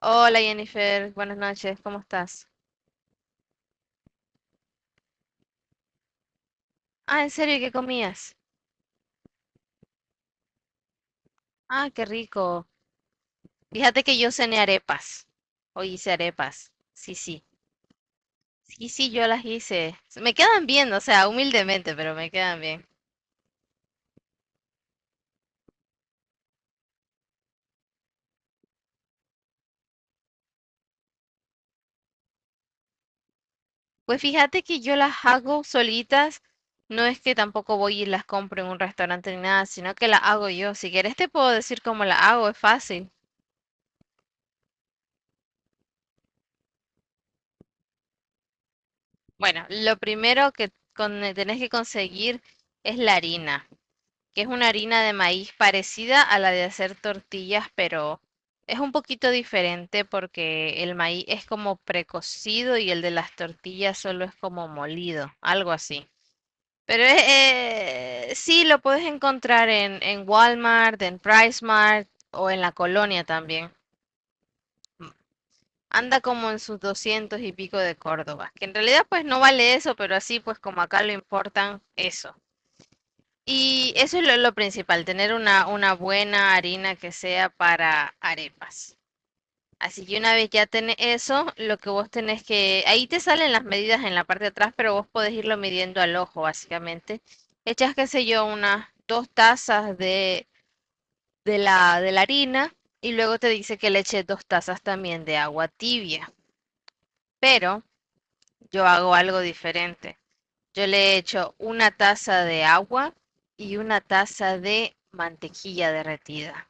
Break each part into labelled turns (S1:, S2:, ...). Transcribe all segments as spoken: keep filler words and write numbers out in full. S1: Hola Jennifer, buenas noches, ¿cómo estás? Ah, ¿en serio? ¿Y ¿Qué comías? Ah, qué rico. Fíjate que yo cené arepas. Hoy hice arepas. Sí, sí. Sí, sí, yo las hice. Me quedan bien, o sea, humildemente, pero me quedan bien. Pues fíjate que yo las hago solitas. No es que tampoco voy y las compro en un restaurante ni nada, sino que las hago yo. Si quieres te puedo decir cómo las hago, es fácil. Bueno, lo primero que con- tenés que conseguir es la harina, que es una harina de maíz parecida a la de hacer tortillas, pero es un poquito diferente porque el maíz es como precocido y el de las tortillas solo es como molido, algo así. Pero es, eh, sí, lo puedes encontrar en, en Walmart, en PriceMart o en la colonia también. Anda como en sus doscientos y pico de Córdoba, que en realidad pues no vale eso, pero así pues como acá lo importan, eso. Y eso es lo, lo principal, tener una, una buena harina que sea para arepas. Así que una vez ya tenés eso, lo que vos tenés que, ahí te salen las medidas en la parte de atrás, pero vos podés irlo midiendo al ojo, básicamente. Echas, qué sé yo, unas dos tazas de, de la, de la harina y luego te dice que le eches dos tazas también de agua tibia. Pero yo hago algo diferente. Yo le he hecho una taza de agua y una taza de mantequilla derretida.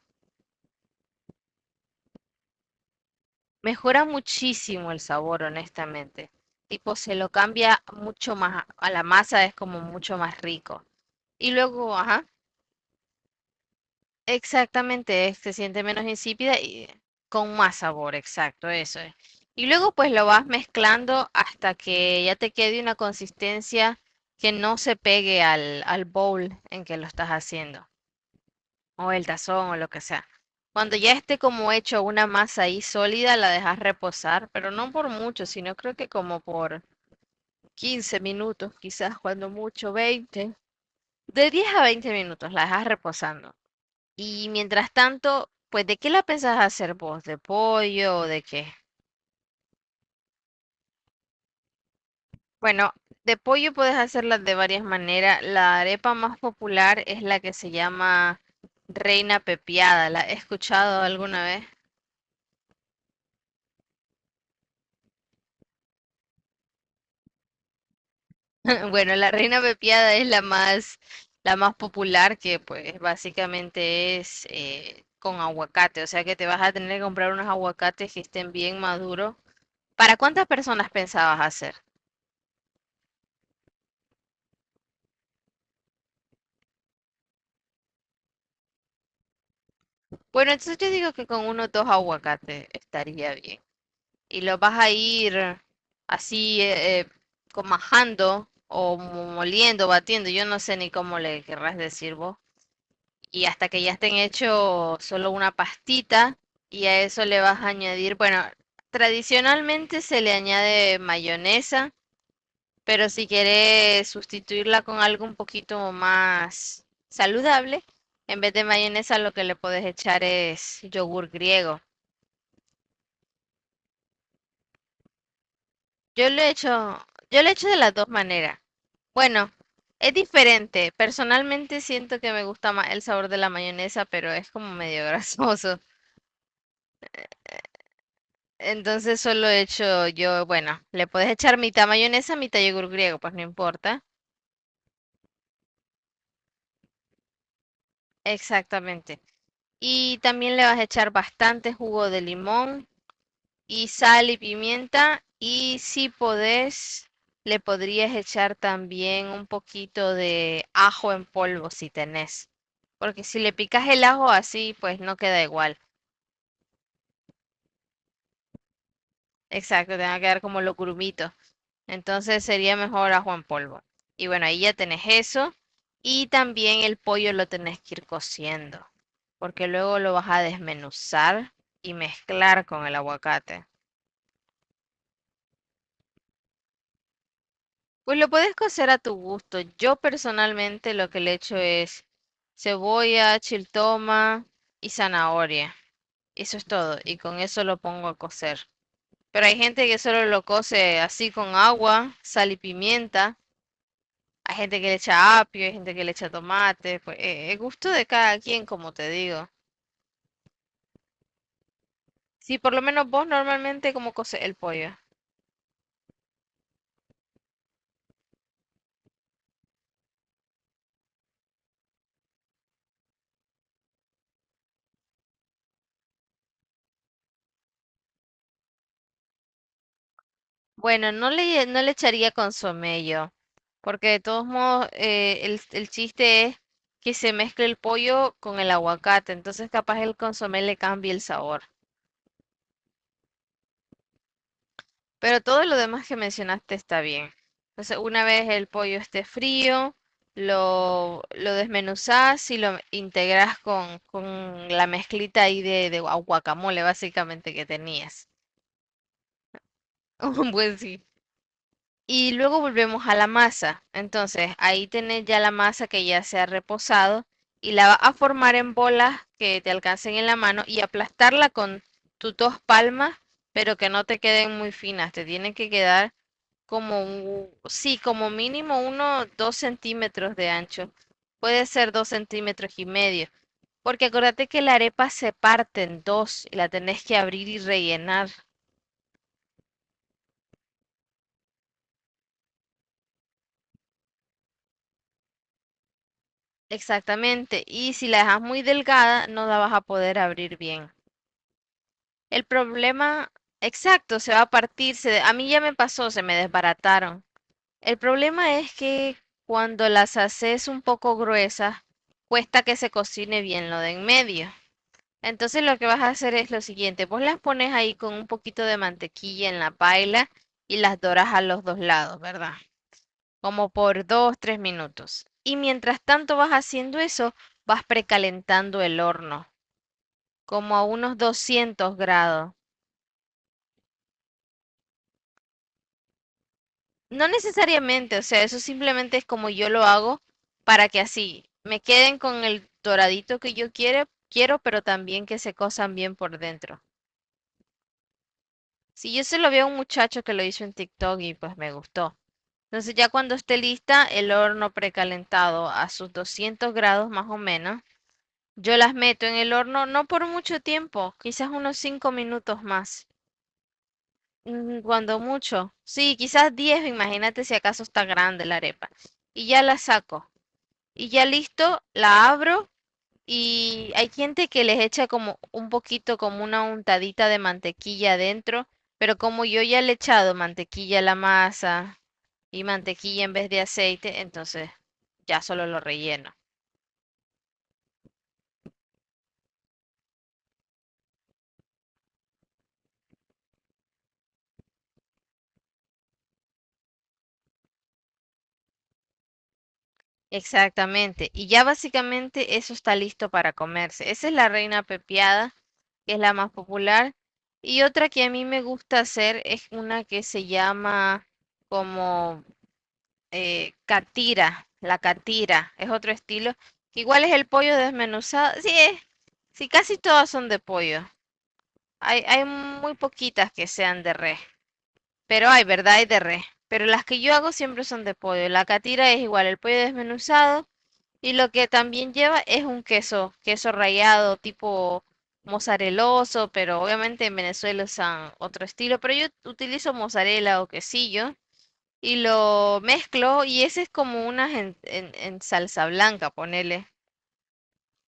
S1: Mejora muchísimo el sabor, honestamente. Tipo, se lo cambia mucho más, a la masa es como mucho más rico. Y luego, ajá, exactamente, es- se siente menos insípida y con más sabor, exacto, eso es. Y luego pues lo vas mezclando hasta que ya te quede una consistencia que no se pegue al, al bowl en que lo estás haciendo, o el tazón o lo que sea. Cuando ya esté como hecho una masa ahí sólida, la dejas reposar, pero no por mucho, sino creo que como por quince minutos, quizás cuando mucho veinte. De diez a veinte minutos la dejas reposando. Y mientras tanto, pues ¿de qué la pensás hacer vos? ¿De pollo o de qué? Bueno, de pollo puedes hacerla de varias maneras. La arepa más popular es la que se llama Reina Pepiada. ¿La he escuchado alguna vez? Bueno, la reina pepiada es la más, la más popular, que pues básicamente es eh, con aguacate, o sea que te vas a tener que comprar unos aguacates que estén bien maduros. ¿Para cuántas personas pensabas hacer? Bueno, entonces yo digo que con uno o dos aguacates estaría bien. Y los vas a ir así eh, eh, co- majando o mo- moliendo, batiendo, yo no sé ni cómo le querrás decir vos, y hasta que ya estén hechos solo una pastita y a eso le vas a añadir, bueno, tradicionalmente se le añade mayonesa, pero si quieres sustituirla con algo un poquito más saludable, en vez de mayonesa lo que le puedes echar es yogur griego. Yo lo he hecho, yo lo he hecho de las dos maneras. Bueno, es diferente. Personalmente siento que me gusta más el sabor de la mayonesa, pero es como medio grasoso. Entonces solo he hecho yo, bueno, le puedes echar mitad mayonesa, mitad yogur griego, pues no importa. Exactamente. Y también le vas a echar bastante jugo de limón y sal y pimienta. Y si podés, le podrías echar también un poquito de ajo en polvo si tenés. Porque si le picas el ajo así, pues no queda igual. Exacto, te va a quedar como los grumitos. Entonces sería mejor ajo en polvo. Y bueno, ahí ya tenés eso. Y también el pollo lo tenés que ir cociendo, porque luego lo vas a desmenuzar y mezclar con el aguacate. Pues lo puedes cocer a tu gusto. Yo personalmente lo que le echo es cebolla, chiltoma y zanahoria. Eso es todo. Y con eso lo pongo a cocer. Pero hay gente que solo lo cose así con agua, sal y pimienta. Hay gente que le echa apio, hay gente que le echa tomate, pues eh, el gusto de cada quien, como te digo. Sí, por lo menos vos normalmente como coce el pollo. Bueno, no le, no le echaría consomé yo, porque de todos modos eh, el, el chiste es que se mezcle el pollo con el aguacate, entonces capaz el consomé le cambie el sabor. Pero todo lo demás que mencionaste está bien. Entonces, una vez el pollo esté frío, lo, lo desmenuzás y lo integras con, con la mezclita ahí de, de gua- guacamole, básicamente, que tenías. Pues sí. Y luego volvemos a la masa. Entonces, ahí tenés ya la masa que ya se ha reposado y la vas a formar en bolas que te alcancen en la mano y aplastarla con tus dos palmas, pero que no te queden muy finas. Te tienen que quedar como un, sí, como mínimo uno, dos centímetros de ancho. Puede ser dos centímetros y medio. Porque acuérdate que la arepa se parte en dos y la tenés que abrir y rellenar. Exactamente. Y si la dejas muy delgada, no la vas a poder abrir bien. El problema, exacto, se va a partir. se- a mí ya me pasó, se me desbarataron. El problema es que cuando las haces un poco gruesas, cuesta que se cocine bien lo de en medio. Entonces lo que vas a hacer es lo siguiente, vos las pones ahí con un poquito de mantequilla en la paila y las doras a los dos lados, ¿verdad? Como por dos, tres minutos. Y mientras tanto vas haciendo eso, vas precalentando el horno, como a unos doscientos grados. No necesariamente, o sea, eso simplemente es como yo lo hago para que así me queden con el doradito que yo quiero, quiero, pero también que se cosan bien por dentro. Si yo se lo vi a un muchacho que lo hizo en TikTok y pues me gustó. Entonces ya cuando esté lista el horno precalentado a sus doscientos grados más o menos, yo las meto en el horno no por mucho tiempo, quizás unos cinco minutos más, mm, cuando mucho. Sí, quizás diez. Imagínate si acaso está grande la arepa. Y ya la saco. Y ya listo, la abro y hay gente que les echa como un poquito, como una untadita de mantequilla adentro, pero como yo ya le he echado mantequilla a la masa, y mantequilla en vez de aceite, entonces ya solo lo relleno. Exactamente. Y ya básicamente eso está listo para comerse. Esa es la reina pepiada, que es la más popular. Y otra que a mí me gusta hacer es una que se llama como eh, catira, la catira. Es otro estilo, que igual es el pollo desmenuzado. Sí, es. Sí, casi todas son de pollo. Hay, hay muy poquitas que sean de res. Pero hay, ¿verdad? Hay de res. Pero las que yo hago siempre son de pollo. La catira es igual, el pollo desmenuzado. Y lo que también lleva es un queso, queso rallado, tipo mozareloso, pero obviamente en Venezuela usan otro estilo. Pero yo utilizo mozzarella o quesillo y lo mezclo, y ese es como una en, en- en salsa blanca, ponele,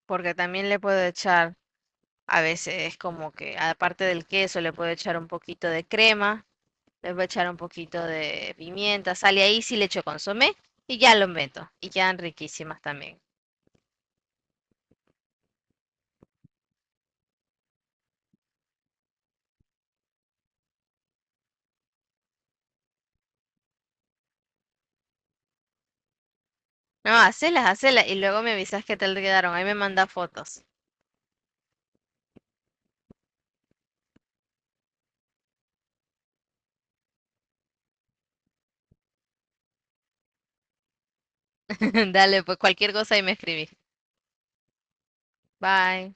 S1: porque también le puedo echar, a veces es como que aparte del queso le puedo echar un poquito de crema. Le voy a echar un poquito de pimienta, sal y ahí, si le echo consomé y ya lo meto. Y quedan riquísimas también. No, hacelas, hacelas y luego me avisas qué tal quedaron. Ahí me manda fotos. Dale, pues cualquier cosa ahí me escribís. Bye.